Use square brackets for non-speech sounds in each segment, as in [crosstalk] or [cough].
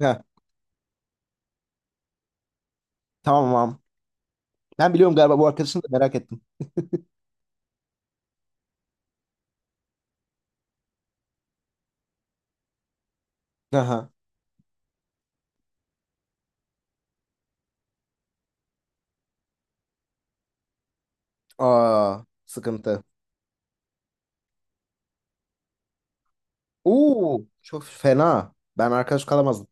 Heh, tamam. Tamam. Ben biliyorum galiba bu arkadaşını da merak ettim. Aha. Aa, sıkıntı. Oo, çok fena. Ben arkadaş kalamazdım.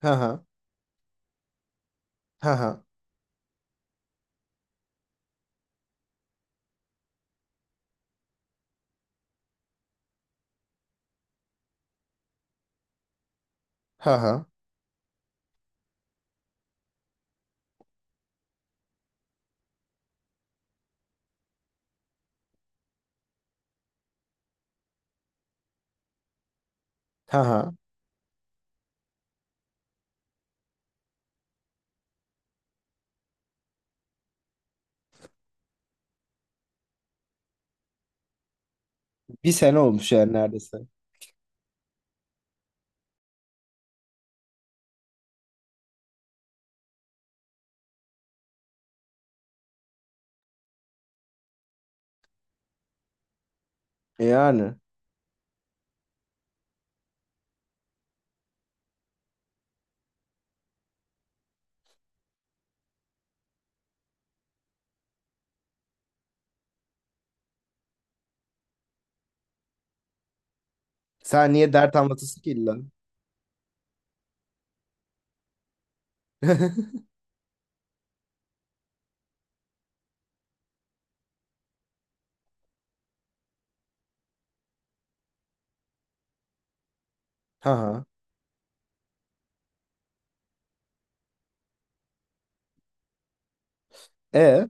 Haha. Haha. Haha. Haha. Bir sene olmuş yani neredeyse. Yani. Sen niye dert anlatırsın ki illa? [laughs] Haha. E,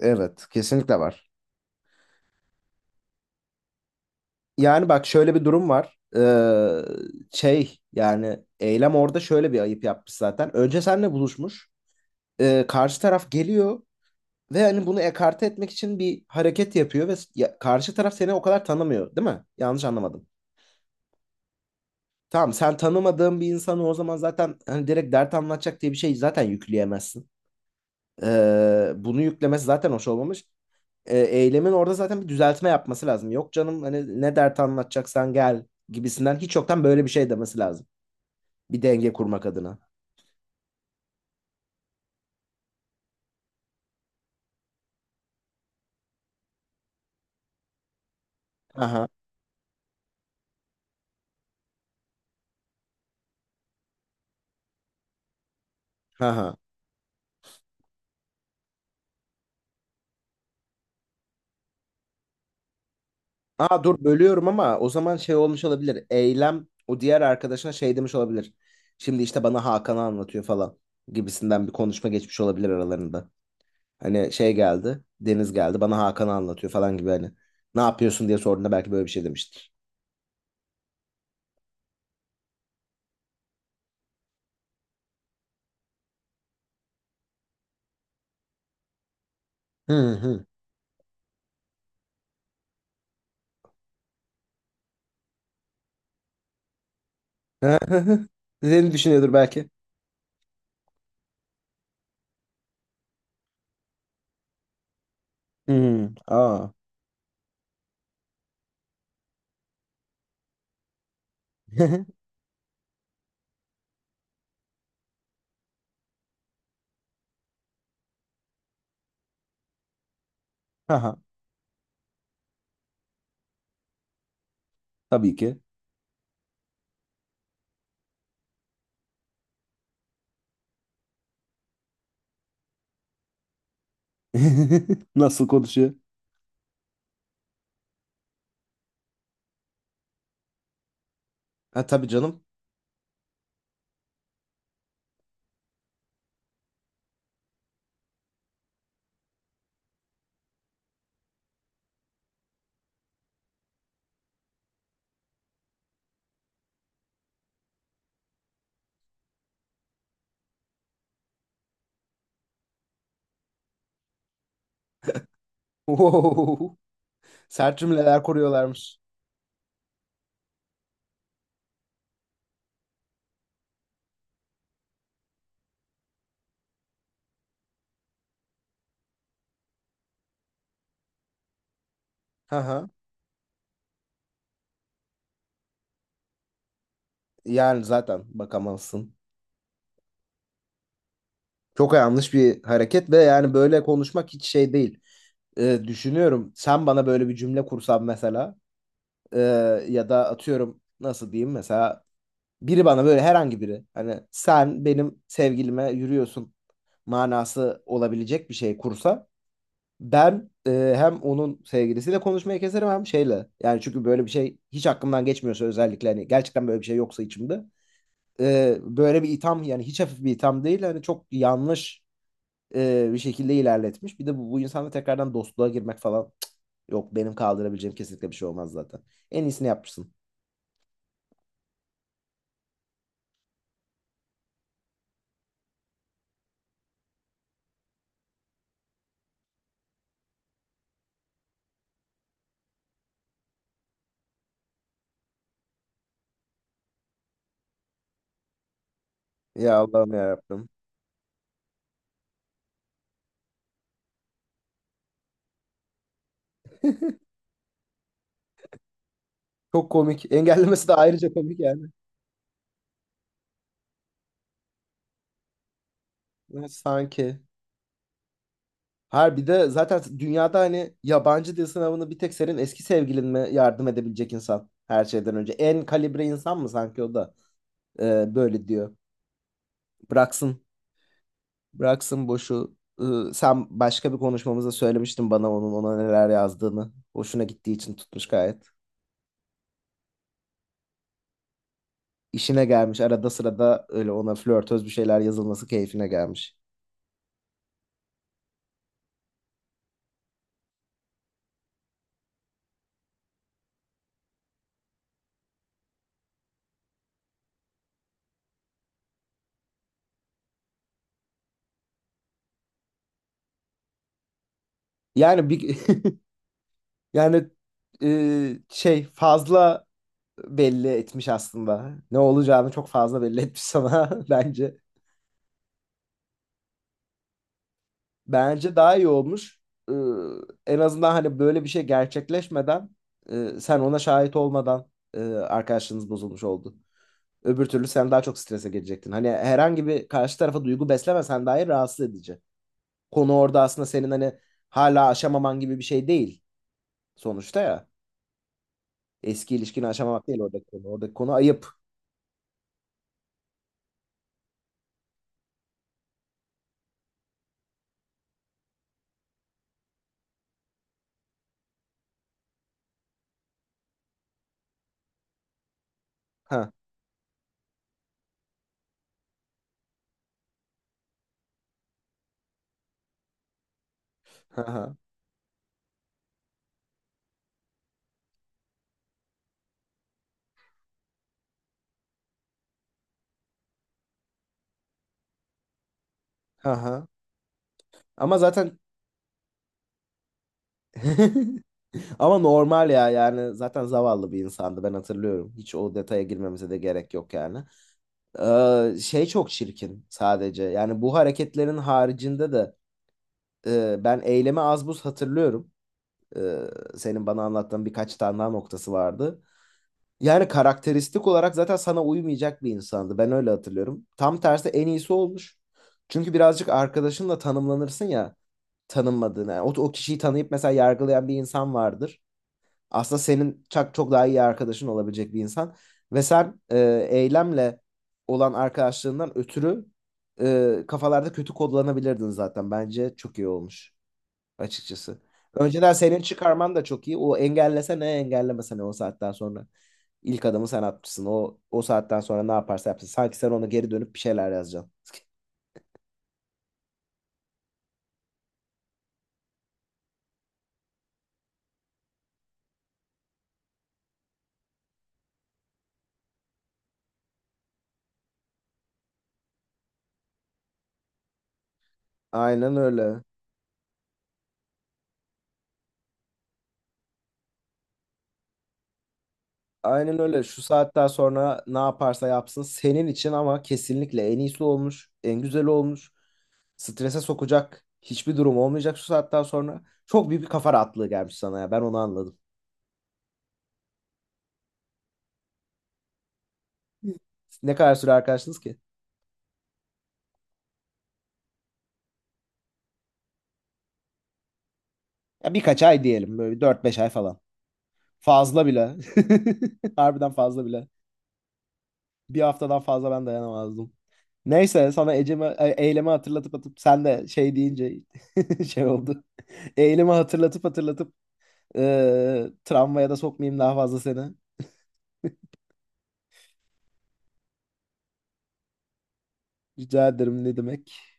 evet, kesinlikle var. Yani bak şöyle bir durum var. Şey yani Eylem orada şöyle bir ayıp yapmış zaten. Önce seninle buluşmuş. Karşı taraf geliyor. Ve hani bunu ekarte etmek için bir hareket yapıyor ve karşı taraf seni o kadar tanımıyor, değil mi? Yanlış anlamadım. Tamam, sen tanımadığın bir insanı o zaman zaten hani direkt dert anlatacak diye bir şey zaten yükleyemezsin. Bunu yüklemesi zaten hoş olmamış. Eylemin orada zaten bir düzeltme yapması lazım. Yok canım hani ne dert anlatacaksan gel gibisinden hiç yoktan böyle bir şey demesi lazım. Bir denge kurmak adına. Aha, aha. Aa, dur bölüyorum ama o zaman şey olmuş olabilir. Eylem o diğer arkadaşına şey demiş olabilir. Şimdi işte bana Hakan'ı anlatıyor falan gibisinden bir konuşma geçmiş olabilir aralarında. Hani şey geldi, Deniz geldi bana Hakan'ı anlatıyor falan gibi hani. Ne yapıyorsun diye sorduğunda belki böyle bir şey demiştir. Hı hı. [laughs] Seni düşünüyordur belki. Hı. Aa. [laughs] Aha, tabii ki. [laughs] Nasıl konuşuyor? Ha, tabii canım. [laughs] Sert cümleler kuruyorlarmış. Ha. Yani zaten bakamazsın. Çok yanlış bir hareket ve yani böyle konuşmak hiç şey değil. Düşünüyorum sen bana böyle bir cümle kursan mesela ee, ya da atıyorum nasıl diyeyim mesela biri bana böyle herhangi biri hani sen benim sevgilime yürüyorsun manası olabilecek bir şey kursa ben hem onun sevgilisiyle konuşmayı keserim hem şeyle. Yani çünkü böyle bir şey hiç aklımdan geçmiyorsa özellikle hani gerçekten böyle bir şey yoksa içimde böyle bir itham, yani hiç hafif bir itham değil, hani çok yanlış bir şekilde ilerletmiş. Bir de bu insanla tekrardan dostluğa girmek falan, cık, yok, benim kaldırabileceğim kesinlikle bir şey olmaz zaten. En iyisini yapmışsın. Ya Allah'ım ya Rabbim. Çok komik. Engellemesi de ayrıca komik yani. Evet, sanki. Harbi de zaten dünyada hani yabancı dil sınavını bir tek senin eski sevgilin mi yardım edebilecek insan her şeyden önce. En kalibre insan mı sanki o da böyle diyor. Bıraksın. Bıraksın boşu. Sen başka bir konuşmamızda söylemiştin bana onun ona neler yazdığını. Hoşuna gittiği için tutmuş gayet. İşine gelmiş. Arada sırada öyle ona flörtöz bir şeyler yazılması keyfine gelmiş. Yani bir [laughs] yani şey fazla belli etmiş aslında. Ne olacağını çok fazla belli etmiş sana [laughs] bence. Bence daha iyi olmuş. Iı, En azından hani böyle bir şey gerçekleşmeden sen ona şahit olmadan arkadaşlığınız bozulmuş oldu. Öbür türlü sen daha çok strese girecektin. Hani herhangi bir karşı tarafa duygu beslemesen dahi rahatsız edici. Konu orada aslında senin hani hala aşamaman gibi bir şey değil sonuçta ya. Eski ilişkini aşamamak değil oradaki konu. Oradaki konu ayıp. Ha ha ha ha. Ha. Ama zaten [laughs] ama normal ya, yani zaten zavallı bir insandı ben hatırlıyorum. Hiç o detaya girmemize de gerek yok yani. Şey çok çirkin sadece. Yani bu hareketlerin haricinde de ben Eylemi az buz hatırlıyorum. Ee, Senin bana anlattığın birkaç tane daha noktası vardı. Yani karakteristik olarak zaten sana uymayacak bir insandı. Ben öyle hatırlıyorum. Tam tersi en iyisi olmuş. Çünkü birazcık arkadaşınla tanımlanırsın ya, tanınmadığını. Yani o kişiyi tanıyıp mesela yargılayan bir insan vardır. Aslında senin çok, çok daha iyi arkadaşın olabilecek bir insan. Ve sen Eylemle olan arkadaşlığından ötürü kafalarda kötü kodlanabilirdin zaten. Bence çok iyi olmuş açıkçası. Önceden senin çıkarman da çok iyi. O engellese ne, engellemese ne o saatten sonra. İlk adımı sen atmışsın. O saatten sonra ne yaparsa yapsın. Sanki sen ona geri dönüp bir şeyler yazacaksın. Aynen öyle. Aynen öyle. Şu saatten sonra ne yaparsa yapsın senin için, ama kesinlikle en iyisi olmuş, en güzeli olmuş. Strese sokacak hiçbir durum olmayacak şu saatten sonra. Çok büyük bir kafa rahatlığı gelmiş sana ya. Ben onu anladım. Ne kadar süre arkadaşsınız ki? Ya birkaç ay diyelim. Böyle 4-5 ay falan. Fazla bile. [laughs] Harbiden fazla bile. Bir haftadan fazla ben dayanamazdım. Neyse, sana Ecem'e, Eylemi hatırlatıp atıp sen de şey deyince [laughs] şey oldu. Eylemi hatırlatıp hatırlatıp travmaya da sokmayayım daha fazla seni. Rica ederim, ne demek.